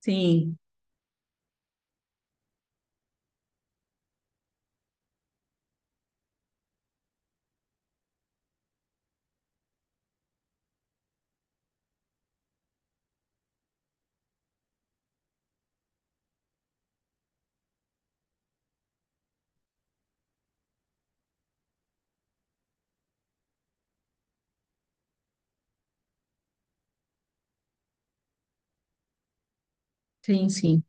Sim, sim, sim.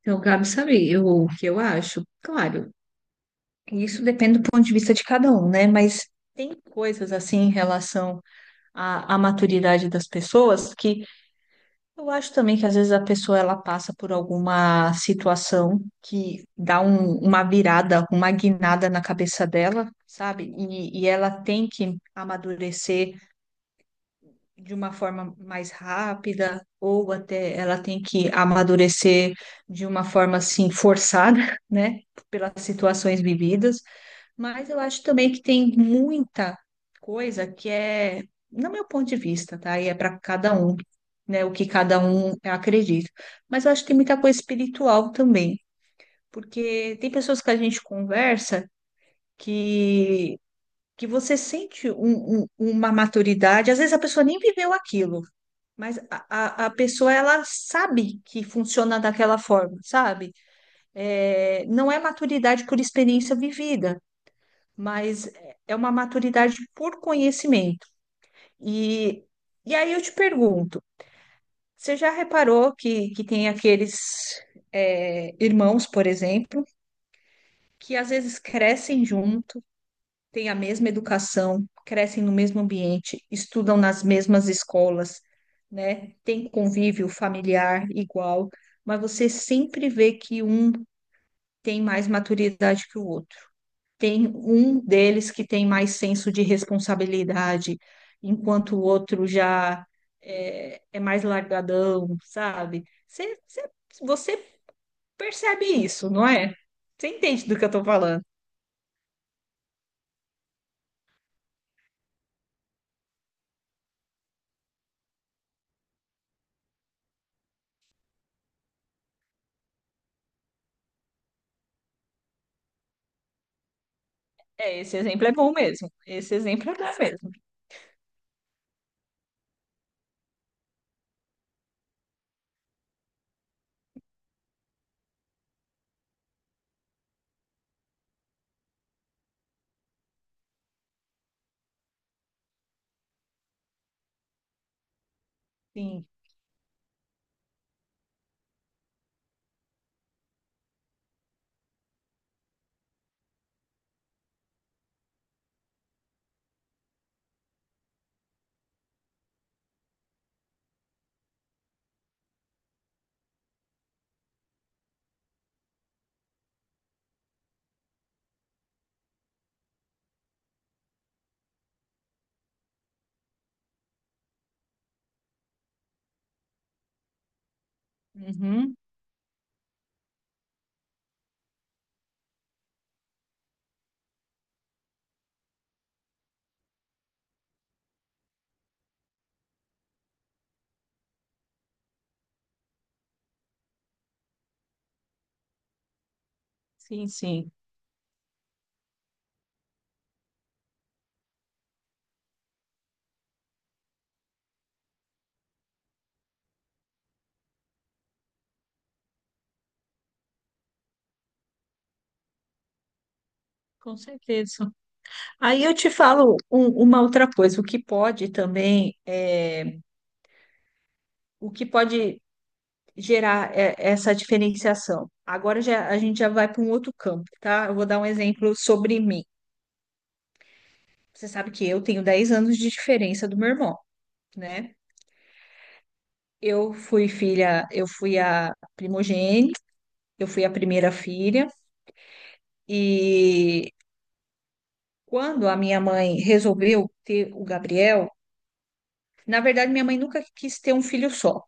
Então, Gabi, sabe eu, o que eu acho? Claro, isso depende do ponto de vista de cada um, né? Mas tem coisas assim em relação à maturidade das pessoas que eu acho também que às vezes a pessoa ela passa por alguma situação que dá uma virada, uma guinada na cabeça dela, sabe? E ela tem que amadurecer de uma forma mais rápida, ou até ela tem que amadurecer de uma forma assim forçada, né, pelas situações vividas, mas eu acho também que tem muita coisa que é, no meu ponto de vista, tá? E é para cada um, né, o que cada um acredita. Mas eu acho que tem muita coisa espiritual também, porque tem pessoas que a gente conversa que que você sente uma maturidade, às vezes a pessoa nem viveu aquilo, mas a pessoa, ela sabe que funciona daquela forma, sabe? É, não é maturidade por experiência vivida, mas é uma maturidade por conhecimento. E, e aí eu te pergunto, você já reparou que tem aqueles irmãos, por exemplo, que às vezes crescem juntos têm a mesma educação, crescem no mesmo ambiente, estudam nas mesmas escolas, né? Tem convívio familiar igual, mas você sempre vê que um tem mais maturidade que o outro. Tem um deles que tem mais senso de responsabilidade, enquanto o outro já é mais largadão, sabe? Você percebe isso, não é? Você entende do que eu tô falando? É, esse exemplo é bom mesmo. Esse exemplo é bom mesmo. Sim. Uhum. Sim, sim, com certeza. Aí eu te falo uma outra coisa, o que pode também, o que pode gerar essa diferenciação. Agora já, a gente já vai para um outro campo, tá? Eu vou dar um exemplo sobre mim. Você sabe que eu tenho 10 anos de diferença do meu irmão, né? Eu fui filha, eu fui a primogênita, eu fui a primeira filha, e quando a minha mãe resolveu ter o Gabriel, na verdade, minha mãe nunca quis ter um filho só,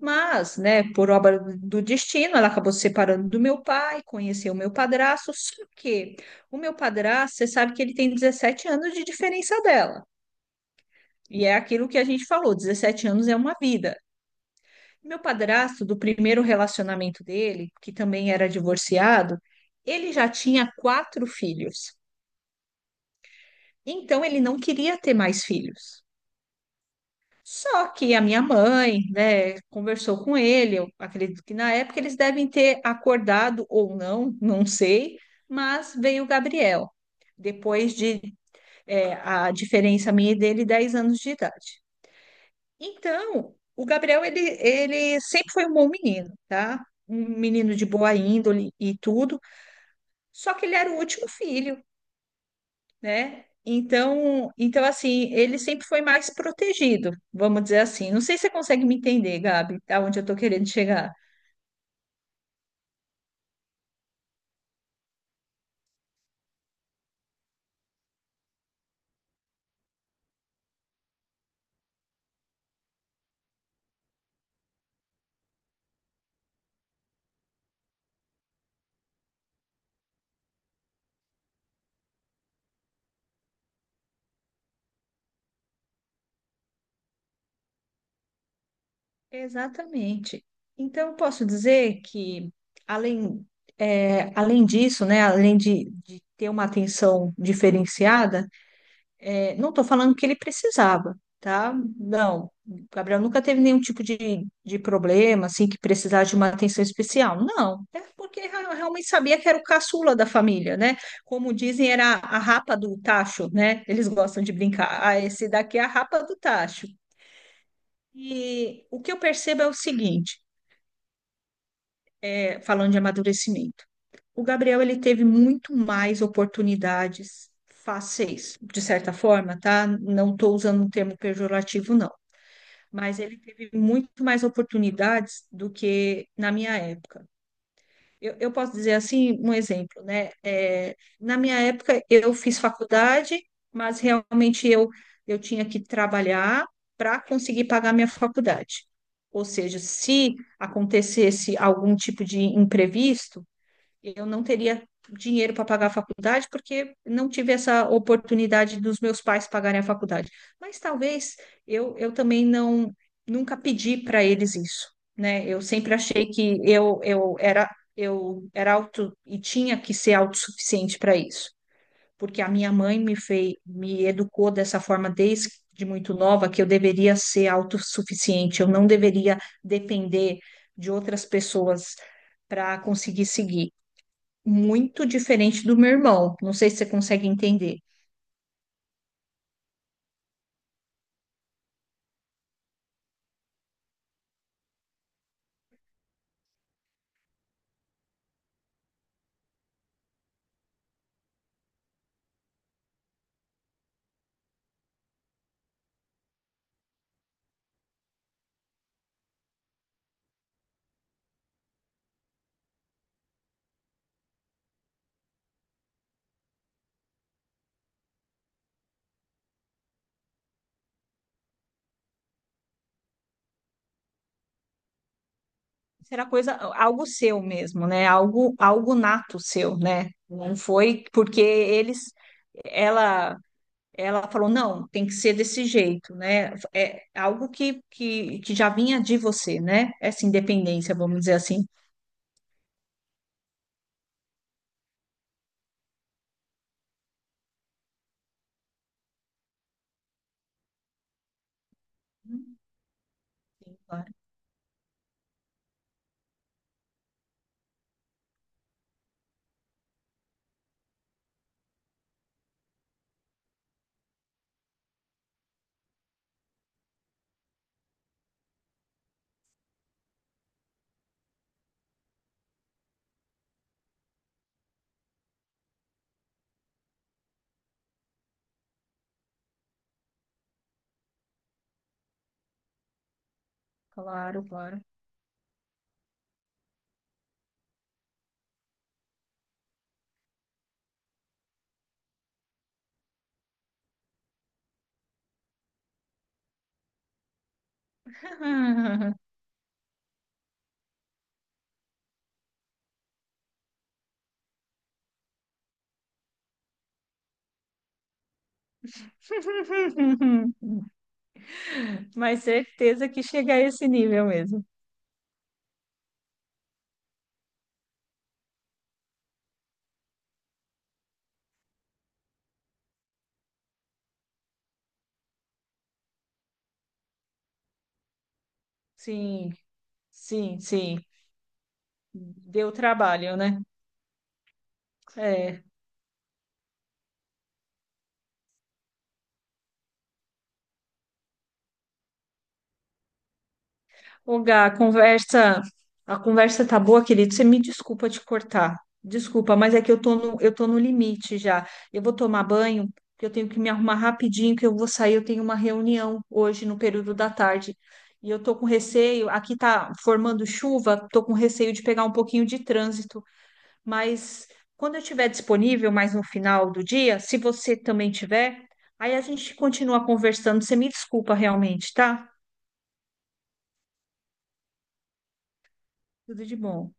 mas, né, por obra do destino, ela acabou se separando do meu pai, conheceu o meu padrasto, só que o meu padrasto, você sabe que ele tem 17 anos de diferença dela. E é aquilo que a gente falou, 17 anos é uma vida. Meu padrasto, do primeiro relacionamento dele, que também era divorciado, ele já tinha quatro filhos. Então, ele não queria ter mais filhos. Só que a minha mãe, né, conversou com ele. Eu acredito que na época eles devem ter acordado ou não, não sei, mas veio o Gabriel, depois de a diferença minha e dele, 10 anos de idade. Então, o Gabriel, ele sempre foi um bom menino, tá? Um menino de boa índole e tudo, só que ele era o último filho, né? Então assim, ele sempre foi mais protegido, vamos dizer assim. Não sei se você consegue me entender, Gabi, aonde eu estou querendo chegar. Exatamente. Então, eu posso dizer que, além, além disso, né, além de ter uma atenção diferenciada. É, não estou falando que ele precisava, tá? Não, o Gabriel nunca teve nenhum tipo de problema, assim, que precisasse de uma atenção especial. Não, é porque eu realmente sabia que era o caçula da família, né? Como dizem, era a rapa do tacho, né? Eles gostam de brincar. Ah, esse daqui é a rapa do tacho. E o que eu percebo é o seguinte, falando de amadurecimento. O Gabriel ele teve muito mais oportunidades fáceis, de certa forma, tá? Não estou usando um termo pejorativo, não, mas ele teve muito mais oportunidades do que na minha época. Eu posso dizer assim, um exemplo, né? É, na minha época, eu fiz faculdade, mas realmente eu tinha que trabalhar para conseguir pagar minha faculdade. Ou seja, se acontecesse algum tipo de imprevisto, eu não teria dinheiro para pagar a faculdade porque não tive essa oportunidade dos meus pais pagarem a faculdade. Mas talvez eu também não nunca pedi para eles isso, né? Eu sempre achei que eu era auto e tinha que ser autossuficiente para isso, porque a minha mãe me educou dessa forma desde de muito nova que eu deveria ser autossuficiente, eu não deveria depender de outras pessoas para conseguir seguir muito diferente do meu irmão. Não sei se você consegue entender. Será coisa, algo seu mesmo, né? Algo, algo nato seu, né? Não foi porque ela, ela falou, não, tem que ser desse jeito, né? É algo que já vinha de você, né? Essa independência, vamos dizer assim. Hum, sim, claro, claro, claro. Mas certeza que chega a esse nível mesmo. Sim, sim, sim. Deu trabalho, né? É. Ô, Gá, a conversa tá boa, querido. Você me desculpa te cortar. Desculpa, mas é que eu tô no limite já. Eu vou tomar banho, que eu tenho que me arrumar rapidinho, que eu vou sair, eu tenho uma reunião hoje no período da tarde. E eu tô com receio, aqui tá formando chuva, tô com receio de pegar um pouquinho de trânsito. Mas quando eu estiver disponível, mais no final do dia, se você também tiver, aí a gente continua conversando. Você me desculpa realmente, tá? Tudo de bom.